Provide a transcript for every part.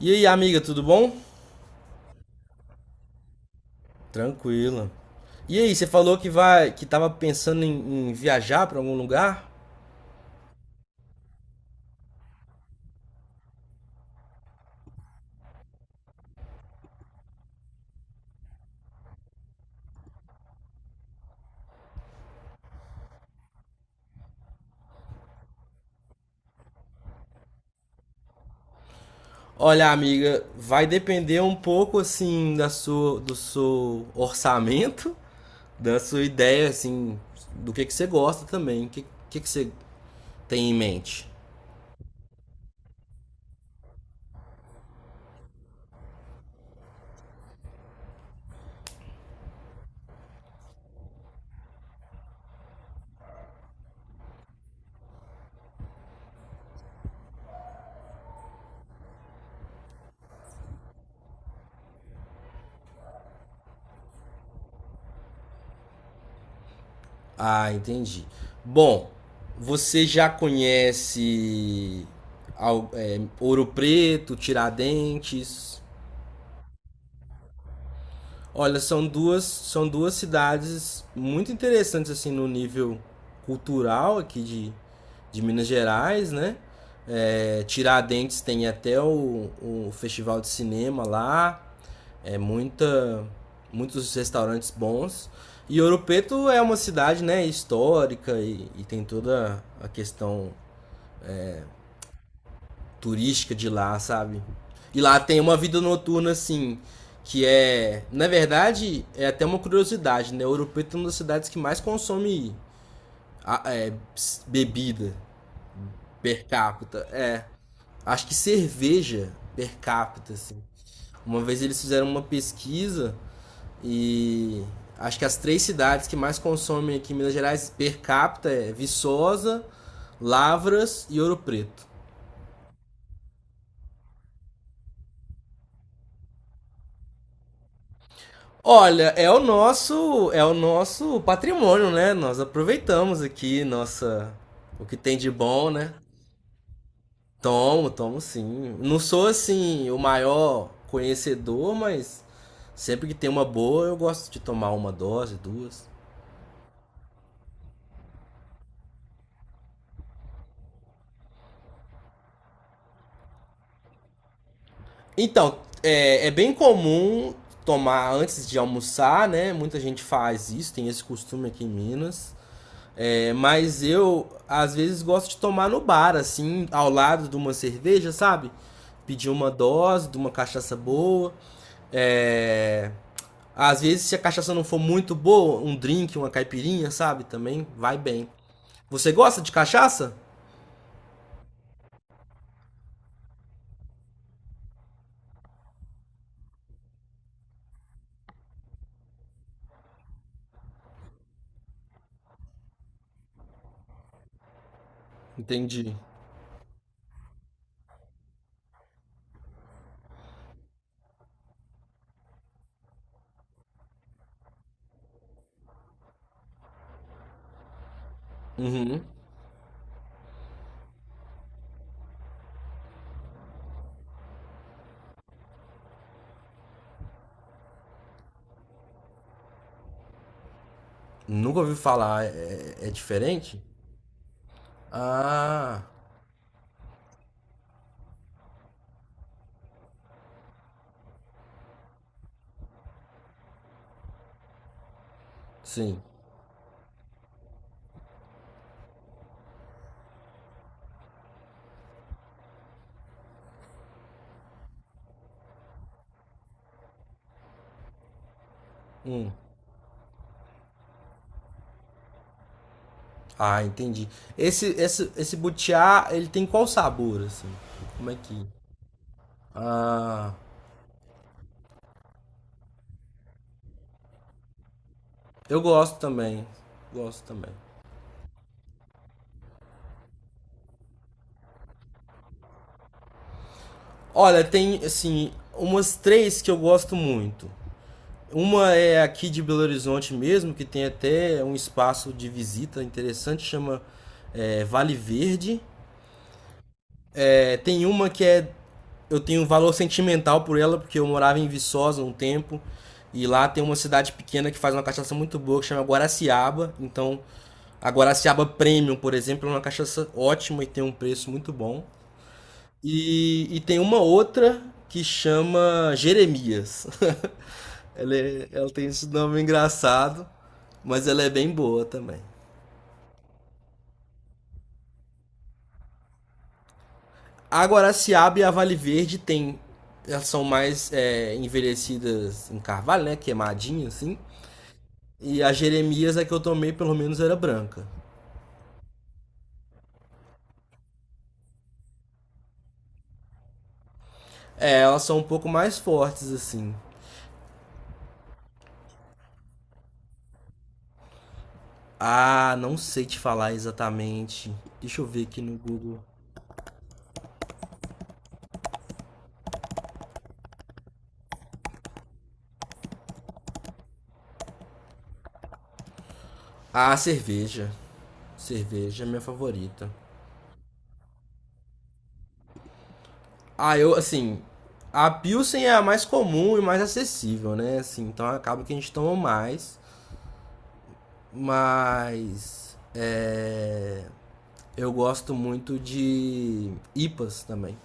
E aí, amiga, tudo bom? Tranquila. E aí, você falou que tava pensando em viajar para algum lugar? Olha, amiga, vai depender um pouco assim do seu orçamento, da sua ideia assim, do que você gosta também, o que você tem em mente. Ah, entendi. Bom, você já conhece Ouro Preto, Tiradentes? Olha, são duas cidades muito interessantes assim no nível cultural aqui de Minas Gerais, né? É, Tiradentes tem até o festival de cinema lá, é muita, muitos restaurantes bons. E Ouro Preto é uma cidade, né, histórica e tem toda a questão turística de lá, sabe? E lá tem uma vida noturna, assim, que é. Na verdade, é até uma curiosidade, né? Ouro Preto é uma das cidades que mais consome a- é, bebida per capita. É. Acho que cerveja per capita, assim. Uma vez eles fizeram uma pesquisa e. Acho que as três cidades que mais consomem aqui em Minas Gerais per capita é Viçosa, Lavras e Ouro Preto. Olha, é o nosso patrimônio, né? Nós aproveitamos aqui nossa o que tem de bom, né? Tomo, tomo sim. Não sou assim o maior conhecedor, mas sempre que tem uma boa, eu gosto de tomar uma dose, duas. Então, é bem comum tomar antes de almoçar, né? Muita gente faz isso, tem esse costume aqui em Minas. É, mas eu, às vezes, gosto de tomar no bar, assim, ao lado de uma cerveja, sabe? Pedir uma dose de uma cachaça boa. É, às vezes, se a cachaça não for muito boa, um drink, uma caipirinha, sabe? Também vai bem. Você gosta de cachaça? Entendi. Uhum. Nunca ouvi falar. É, é diferente? Ah, sim. Hum. Ah, entendi. Esse butiá, ele tem qual sabor, assim? Como é que... Ah... Eu gosto também. Gosto também. Olha, tem assim, umas três que eu gosto muito. Uma é aqui de Belo Horizonte mesmo, que tem até um espaço de visita interessante, chama Vale Verde. É, tem uma que é. Eu tenho um valor sentimental por ela, porque eu morava em Viçosa um tempo. E lá tem uma cidade pequena que faz uma cachaça muito boa, que chama Guaraciaba. Então, a Guaraciaba Premium, por exemplo, é uma cachaça ótima e tem um preço muito bom. E tem uma outra que chama Jeremias. Ela tem esse nome engraçado, mas ela é bem boa também. A Guaraciaba e a Vale Verde tem, elas são mais envelhecidas em carvalho, né? Queimadinha, assim. E a Jeremias, a que eu tomei, pelo menos era branca. É, elas são um pouco mais fortes, assim. Ah, não sei te falar exatamente. Deixa eu ver aqui no Google. Ah, cerveja. Cerveja é minha favorita. Ah, eu, assim, a Pilsen é a mais comum e mais acessível, né? Assim, então acaba que a gente toma mais. Mas é, eu gosto muito de IPAs também.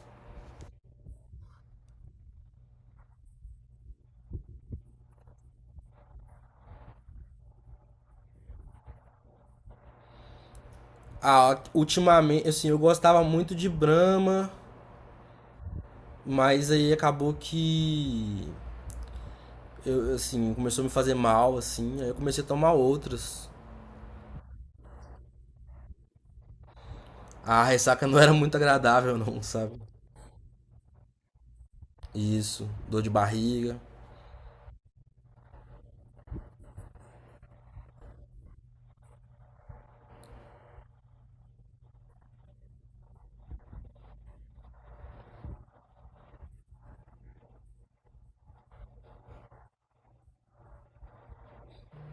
Ah, ultimamente, assim, eu gostava muito de Brahma, mas aí acabou que eu, assim, começou a me fazer mal, assim, aí eu comecei a tomar outras. A ressaca não era muito agradável, não, sabe? Isso, dor de barriga.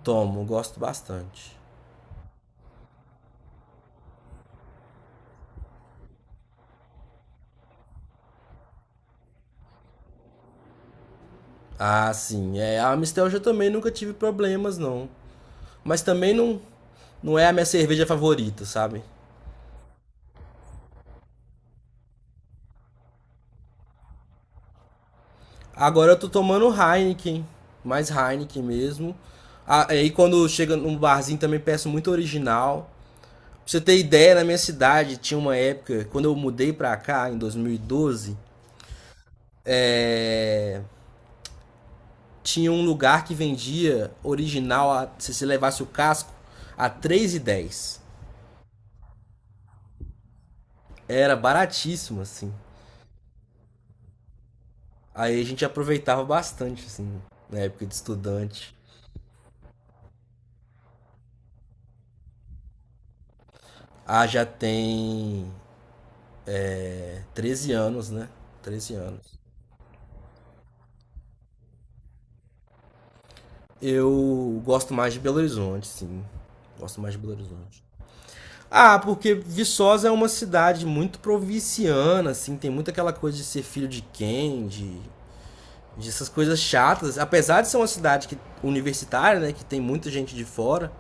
Tomo, gosto bastante. Ah, sim. É, a Amstel eu também nunca tive problemas, não. Mas também não é a minha cerveja favorita, sabe? Agora eu tô tomando Heineken, mais Heineken mesmo. Ah, aí quando chega num barzinho também peço muito original. Pra você ter ideia, na minha cidade tinha uma época, quando eu mudei pra cá, em 2012, é, tinha um lugar que vendia original, se você levasse o casco, a três e dez. Era baratíssimo, assim. Aí a gente aproveitava bastante, assim, na época de estudante. Ah, já tem 13 anos, né? 13 anos. Eu gosto mais de Belo Horizonte, sim. Gosto mais de Belo Horizonte. Ah, porque Viçosa é uma cidade muito provinciana, assim, tem muito aquela coisa de ser filho de quem, de essas coisas chatas. Apesar de ser uma cidade que, universitária, né, que tem muita gente de fora,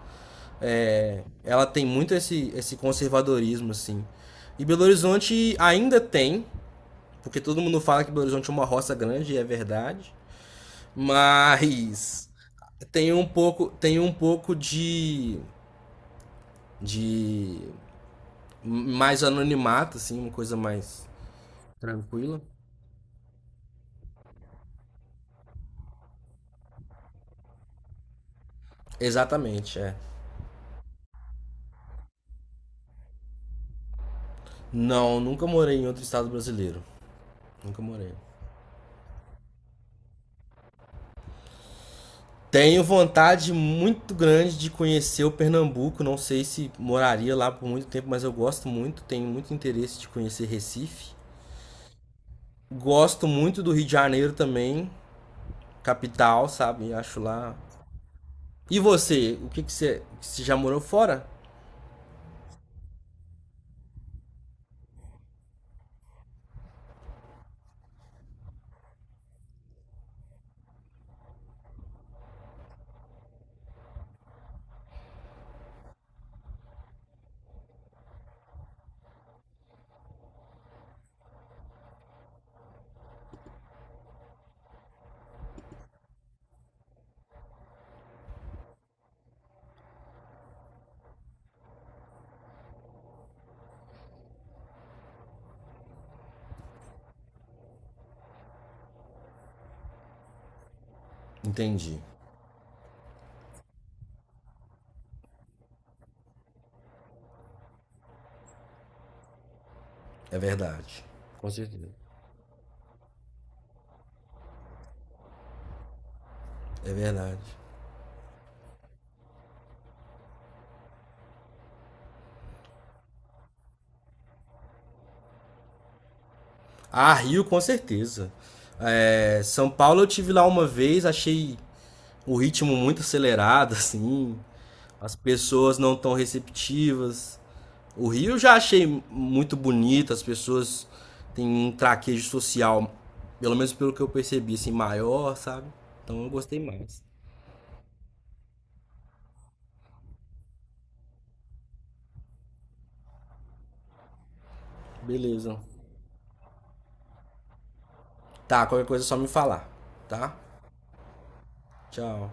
é, ela tem muito esse conservadorismo, assim. E Belo Horizonte ainda tem, porque todo mundo fala que Belo Horizonte é uma roça grande, e é verdade. Mas tem um pouco de mais anonimato, assim, uma coisa mais tranquila. Exatamente, é. Não, nunca morei em outro estado brasileiro. Nunca morei. Tenho vontade muito grande de conhecer o Pernambuco. Não sei se moraria lá por muito tempo, mas eu gosto muito. Tenho muito interesse de conhecer Recife. Gosto muito do Rio de Janeiro também, capital, sabe? Acho lá. E você? O que, que você. Você já morou fora? Entendi. É verdade. Com certeza. É verdade. Ah, Rio, com certeza. É, São Paulo eu tive lá uma vez, achei o ritmo muito acelerado, assim. As pessoas não tão receptivas. O Rio eu já achei muito bonito, as pessoas têm um traquejo social, pelo menos pelo que eu percebi, assim, maior, sabe? Então eu gostei mais. Beleza. Tá, qualquer coisa é só me falar, tá? Tchau.